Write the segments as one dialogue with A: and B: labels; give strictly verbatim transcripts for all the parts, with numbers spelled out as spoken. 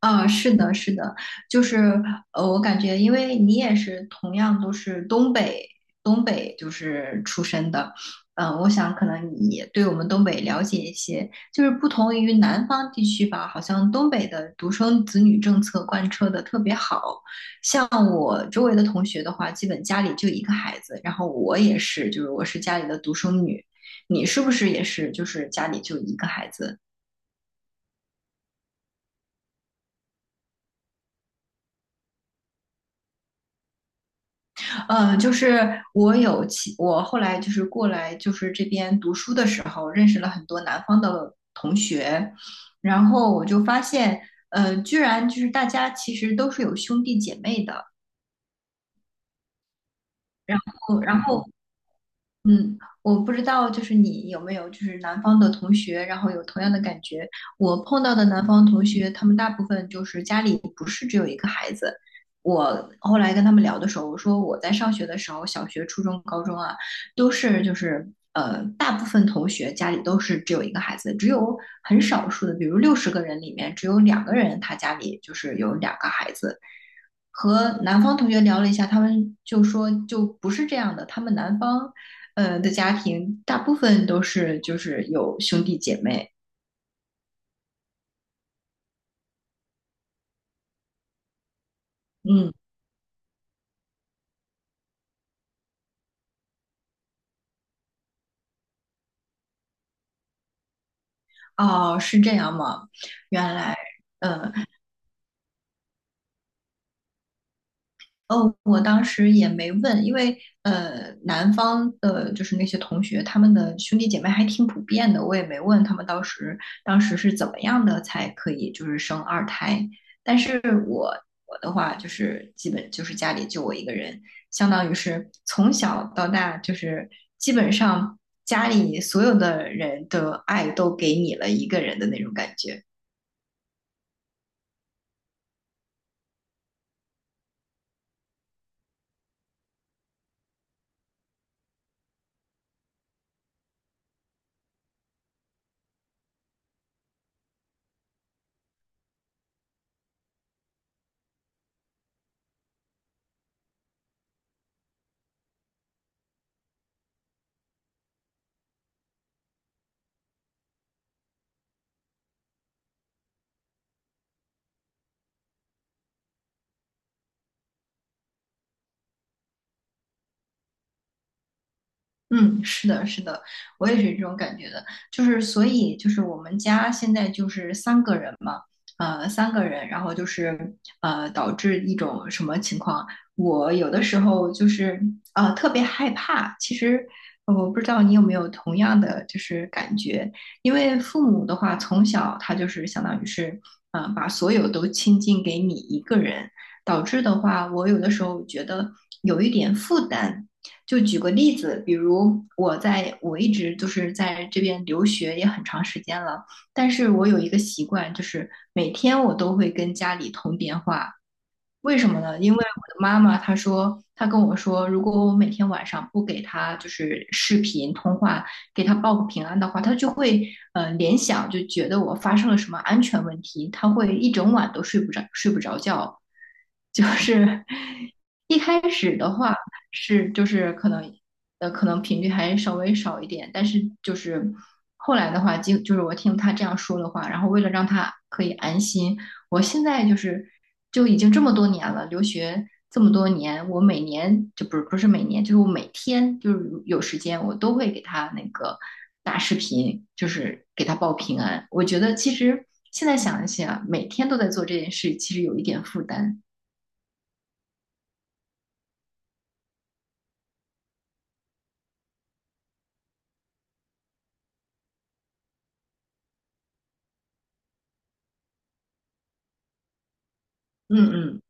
A: 啊，是的，是的，就是呃，我感觉，因为你也是同样都是东北，东北就是出身的，嗯、我想可能你也对我们东北了解一些，就是不同于南方地区吧，好像东北的独生子女政策贯彻的特别好，像我周围的同学的话，基本家里就一个孩子，然后我也是，就是我是家里的独生女，你是不是也是，就是家里就一个孩子？嗯，就是我有其我后来就是过来就是这边读书的时候，认识了很多南方的同学，然后我就发现，呃，居然就是大家其实都是有兄弟姐妹的，然后然后嗯，我不知道，就是你有没有就是南方的同学，然后有同样的感觉。我碰到的南方同学，他们大部分就是家里不是只有一个孩子。我后来跟他们聊的时候，我说我在上学的时候，小学、初中、高中啊，都是就是呃，大部分同学家里都是只有一个孩子，只有很少数的，比如六十个人里面只有两个人他家里就是有两个孩子。和南方同学聊了一下，他们就说就不是这样的，他们南方，呃的家庭大部分都是就是有兄弟姐妹，嗯，哦，是这样吗？原来。哦，我当时也没问，因为呃，南方的就是那些同学，他们的兄弟姐妹还挺普遍的，我也没问他们当时当时是怎么样的才可以就是生二胎。但是我我的话就是基本就是家里就我一个人，相当于是从小到大就是基本上家里所有的人的爱都给你了一个人的那种感觉。嗯，是的，是的，我也是这种感觉的。就是所以就是我们家现在就是三个人嘛，呃，三个人，然后就是呃，导致一种什么情况？我有的时候就是呃特别害怕。其实呃我不知道你有没有同样的就是感觉，因为父母的话从小他就是相当于是呃把所有都倾尽给你一个人，导致的话，我有的时候觉得有一点负担。就举个例子，比如我在我一直就是在这边留学也很长时间了，但是我有一个习惯，就是每天我都会跟家里通电话，为什么呢？因为我的妈妈她说，她跟我说，如果我每天晚上不给她就是视频通话，给她报个平安的话，她就会呃联想，就觉得我发生了什么安全问题，她会一整晚都睡不着，睡不着觉。就是一开始的话是就是可能呃可能频率还稍微少一点，但是就是后来的话，就就是我听她这样说的话，然后为了让她可以安心。我现在就是就已经这么多年了，留学这么多年，我每年就不是不是每年，就是我每天就是有时间，我都会给他那个打视频，就是给他报平安。我觉得其实现在想一想，每天都在做这件事，其实有一点负担。嗯嗯。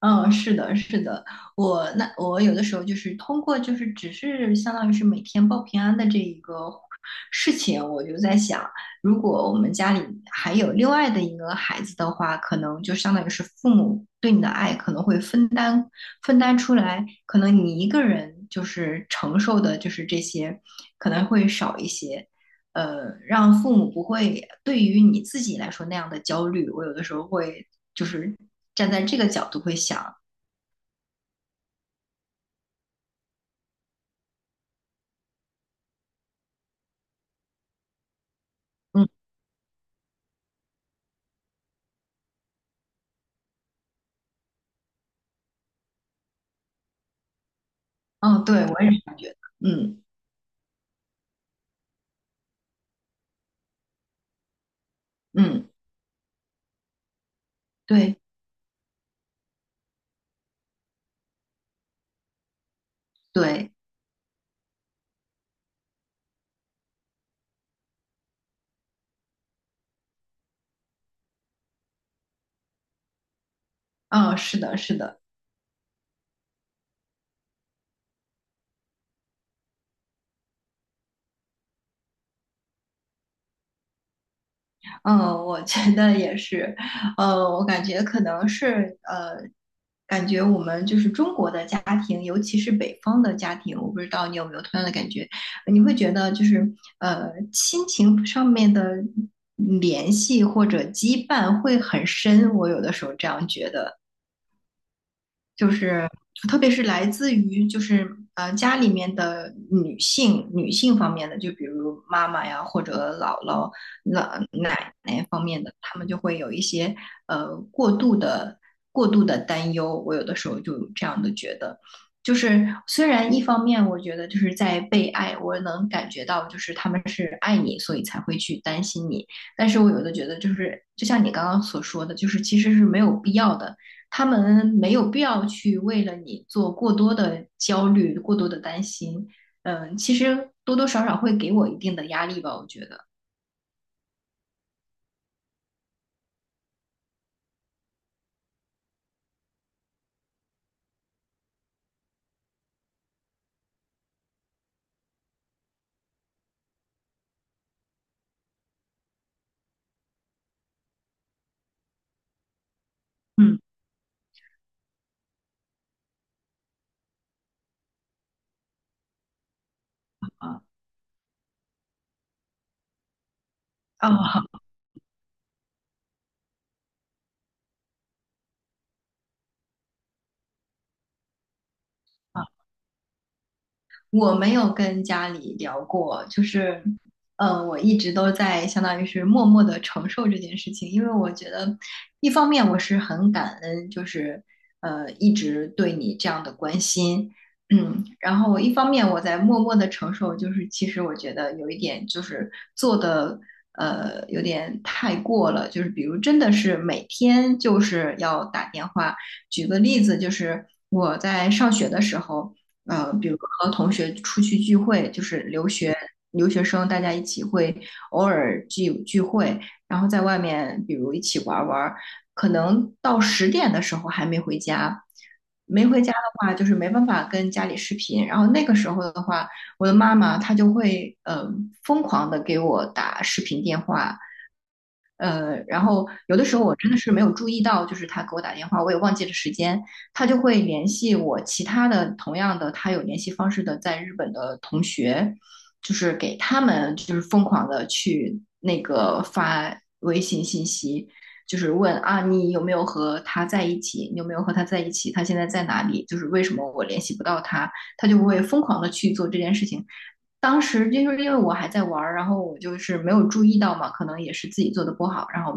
A: 嗯，是的，是的，我那我有的时候就是通过就是只是相当于是每天报平安的这一个事情，我就在想，如果我们家里还有另外的一个孩子的话，可能就相当于是父母对你的爱可能会分担分担出来，可能你一个人就是承受的就是这些可能会少一些，呃，让父母不会对于你自己来说那样的焦虑。我有的时候会就是站在这个角度会想。嗯，哦，对，我也是这样觉得。嗯嗯，对对，嗯，是的，是的，嗯，我觉得也是，呃，我感觉可能是呃，感觉我们就是中国的家庭，尤其是北方的家庭，我不知道你有没有同样的感觉，你会觉得就是呃，亲情上面的联系或者羁绊会很深，我有的时候这样觉得。就是特别是来自于就是呃家里面的女性女性方面的，就比如妈妈呀或者姥姥、老奶奶方面的，他们就会有一些呃过度的过度的担忧。我有的时候就有这样的觉得，就是虽然一方面我觉得就是在被爱，我能感觉到就是他们是爱你，所以才会去担心你，但是我有的觉得就是就像你刚刚所说的，就是其实是没有必要的。他们没有必要去为了你做过多的焦虑、过多的担心。嗯，其实多多少少会给我一定的压力吧，我觉得。嗯啊啊，我没有跟家里聊过，就是，呃，我一直都在相当于是默默的承受这件事情，因为我觉得，一方面我是很感恩，就是呃一直对你这样的关心，嗯，然后我一方面我在默默的承受，就是其实我觉得有一点就是做的呃有点太过了，就是比如真的是每天就是要打电话，举个例子，就是我在上学的时候。呃，比如和同学出去聚会，就是留学留学生，大家一起会偶尔聚聚会，然后在外面，比如一起玩玩可能到十点的时候还没回家，没回家的话，就是没办法跟家里视频，然后那个时候的话，我的妈妈她就会呃疯狂的给我打视频电话，呃，然后有的时候我真的是没有注意到，就是他给我打电话，我也忘记了时间，他就会联系我其他的同样的他有联系方式的在日本的同学，就是给他们就是疯狂的去那个发微信信息，就是问啊你有没有和他在一起，你有没有和他在一起，他现在在哪里，就是为什么我联系不到他，他就会疯狂的去做这件事情。当时就是因为我还在玩然后我就是没有注意到嘛，可能也是自己做的不好，然后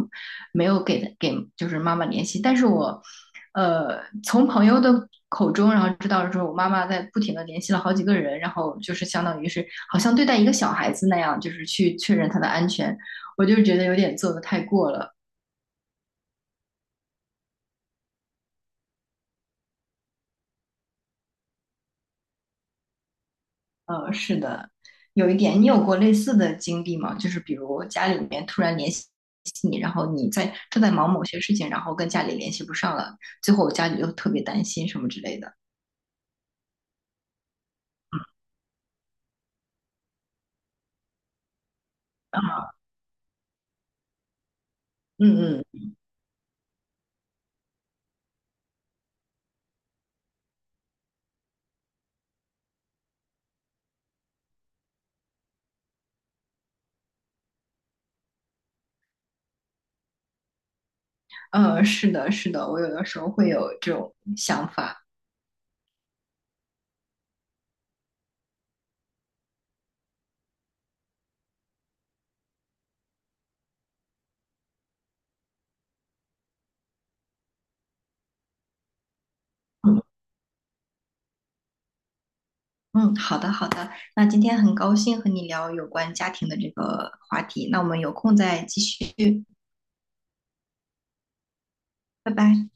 A: 没有给给就是妈妈联系。但是我，呃，从朋友的口中，然后知道说我妈妈在不停的联系了好几个人，然后就是相当于是好像对待一个小孩子那样，就是去确认他的安全，我就觉得有点做的太过了。呃，是的，有一点，你有过类似的经历吗？就是比如家里面突然联系你，然后你在正在忙某些事情，然后跟家里联系不上了，最后家里又特别担心什么之类的。嗯嗯呃，是的，是的，我有的时候会有这种想法。嗯嗯，好的好的，那今天很高兴和你聊有关家庭的这个话题，那我们有空再继续，拜拜。